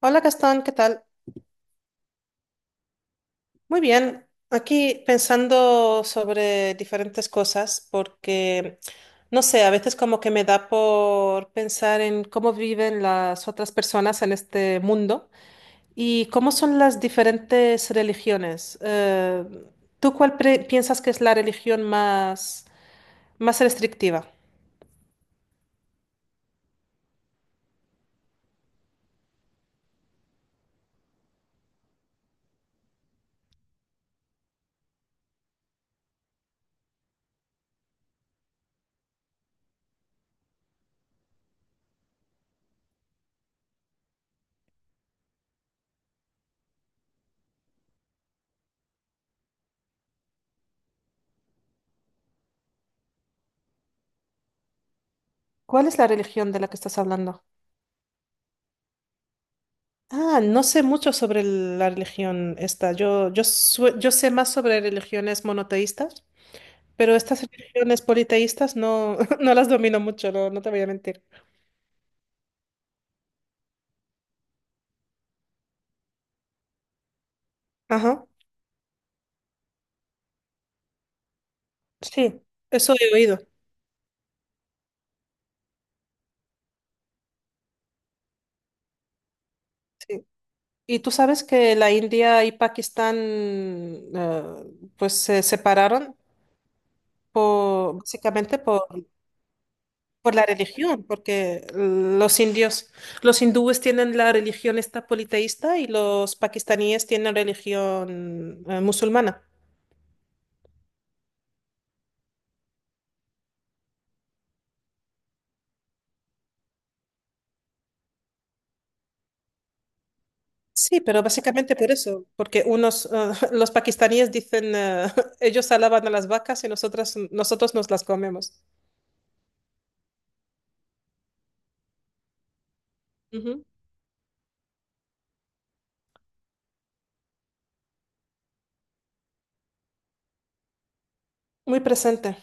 Hola Gastón, ¿qué tal? Muy bien, aquí pensando sobre diferentes cosas porque, no sé, a veces como que me da por pensar en cómo viven las otras personas en este mundo y cómo son las diferentes religiones. ¿Tú cuál piensas que es la religión más restrictiva? ¿Cuál es la religión de la que estás hablando? Ah, no sé mucho sobre la religión esta. Yo sé más sobre religiones monoteístas. Pero estas religiones politeístas no, no las domino mucho, no, no te voy a mentir. Ajá, sí, eso he oído. Sí. Y tú sabes que la India y Pakistán pues se separaron por, básicamente por la religión, porque los indios, los hindúes tienen la religión esta politeísta y los pakistaníes tienen religión musulmana. Sí, pero básicamente por eso, porque unos, los pakistaníes dicen, ellos alaban a las vacas y nosotras, nosotros nos las comemos. Ujú. Muy presente.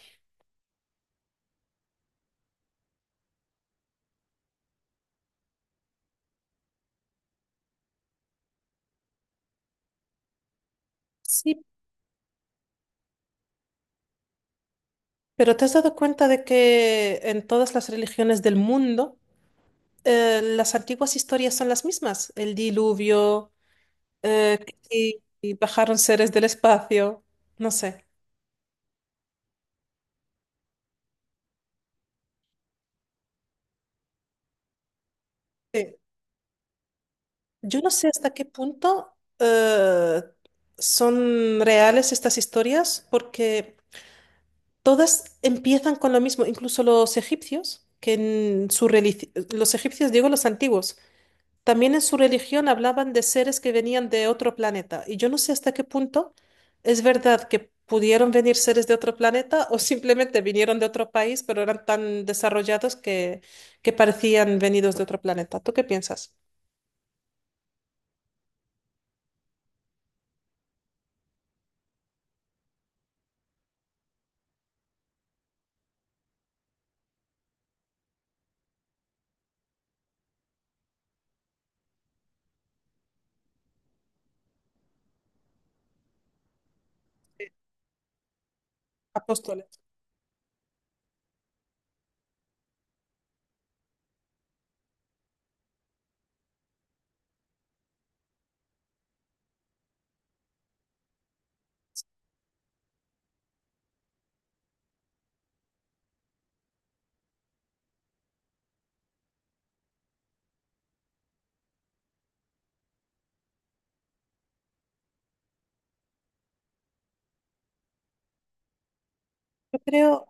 Sí, pero ¿te has dado cuenta de que en todas las religiones del mundo las antiguas historias son las mismas? El diluvio, eh, y bajaron seres del espacio, no sé. Sí. Yo no sé hasta qué punto son reales estas historias porque. Todas empiezan con lo mismo, incluso los egipcios, que en su religión, los egipcios, digo los antiguos, también en su religión hablaban de seres que venían de otro planeta. Y yo no sé hasta qué punto es verdad que pudieron venir seres de otro planeta o simplemente vinieron de otro país, pero eran tan desarrollados que parecían venidos de otro planeta. ¿Tú qué piensas? Apóstoles. Yo creo,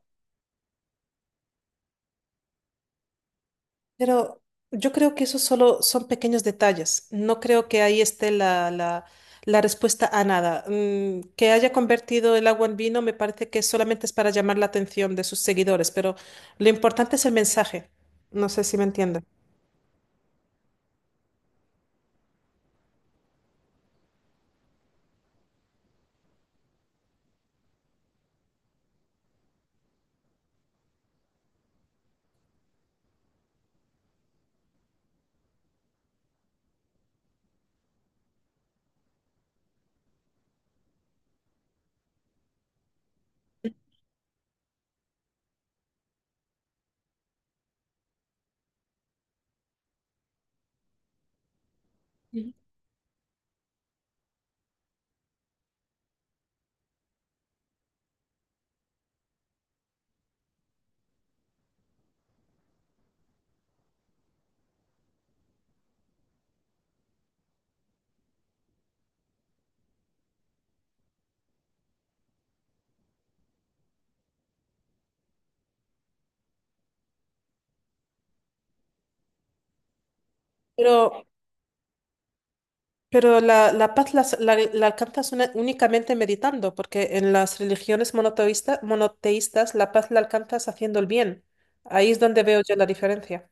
Pero yo creo que eso solo son pequeños detalles. No creo que ahí esté la respuesta a nada. Que haya convertido el agua en vino me parece que solamente es para llamar la atención de sus seguidores, pero lo importante es el mensaje. No sé si me entiende. Ujú. Pero, pero la paz la alcanzas únicamente meditando, porque en las religiones monoteístas la paz la alcanzas haciendo el bien. Ahí es donde veo yo la diferencia.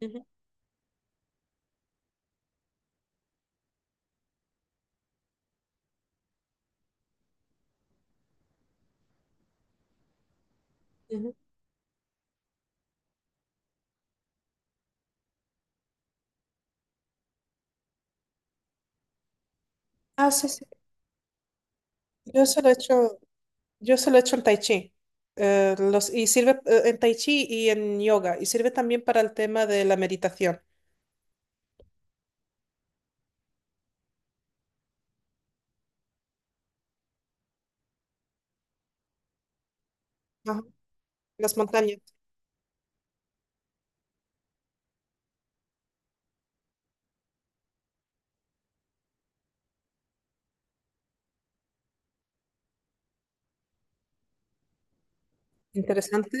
Ujú, ujú. Ah, sí, sí. Yo solo he hecho, yo solo he hecho el tai chi. Y sirve en tai chi y en yoga. Y sirve también para el tema de la meditación. Ajá. Las montañas. Interesante,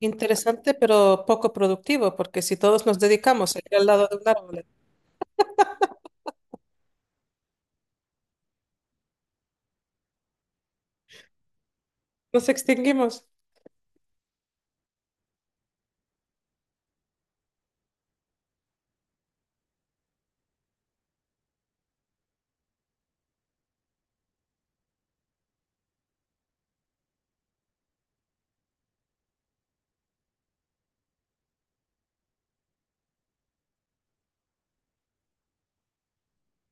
interesante, pero poco productivo, porque si todos nos dedicamos a ir al lado de un árbol, nos extinguimos.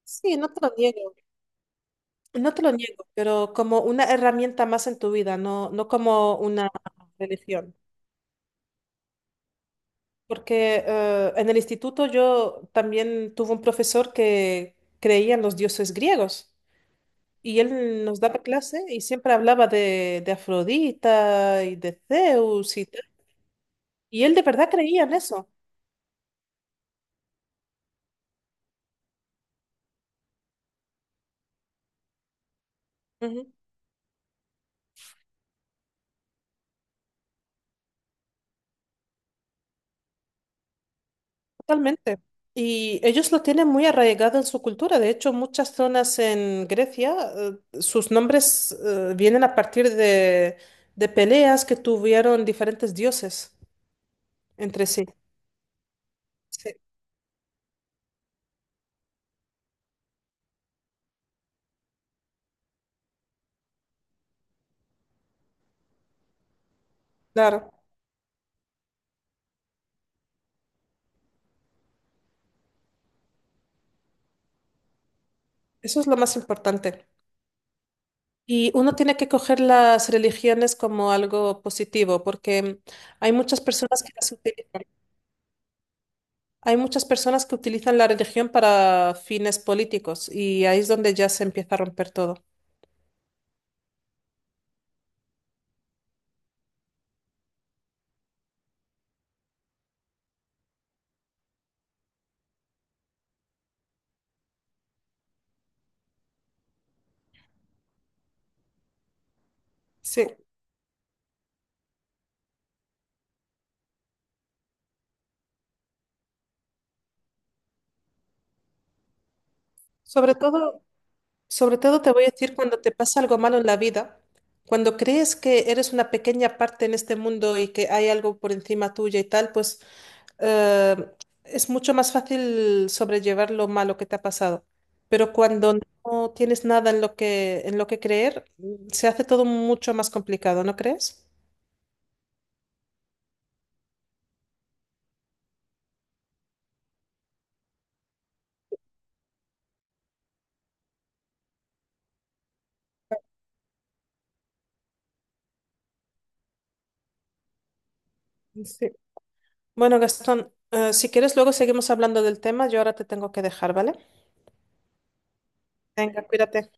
Sí, no te lo niego, no te lo niego, pero como una herramienta más en tu vida, no, no como una religión. Porque en el instituto yo también tuve un profesor que creía en los dioses griegos y él nos daba clase y siempre hablaba de Afrodita y de Zeus y tal. Y él de verdad creía en eso. Ujú. Totalmente. Y ellos lo tienen muy arraigado en su cultura. De hecho, muchas zonas en Grecia, sus nombres vienen a partir de peleas que tuvieron diferentes dioses entre sí. Sí, claro. Eso es lo más importante. Y uno tiene que coger las religiones como algo positivo, porque hay muchas personas que las utilizan. Hay muchas personas que utilizan la religión para fines políticos y ahí es donde ya se empieza a romper todo. Sí. Sobre todo, sobre todo te voy a decir cuando te pasa algo malo en la vida, cuando crees que eres una pequeña parte en este mundo y que hay algo por encima tuya y tal, pues eh, es mucho más fácil sobrellevar lo malo que te ha pasado. Pero cuando no tienes nada en lo que creer, se hace todo mucho más complicado, ¿no crees? Sí. Bueno, Gastón, si quieres, luego seguimos hablando del tema. Yo ahora te tengo que dejar, ¿vale? Venga, cuídate.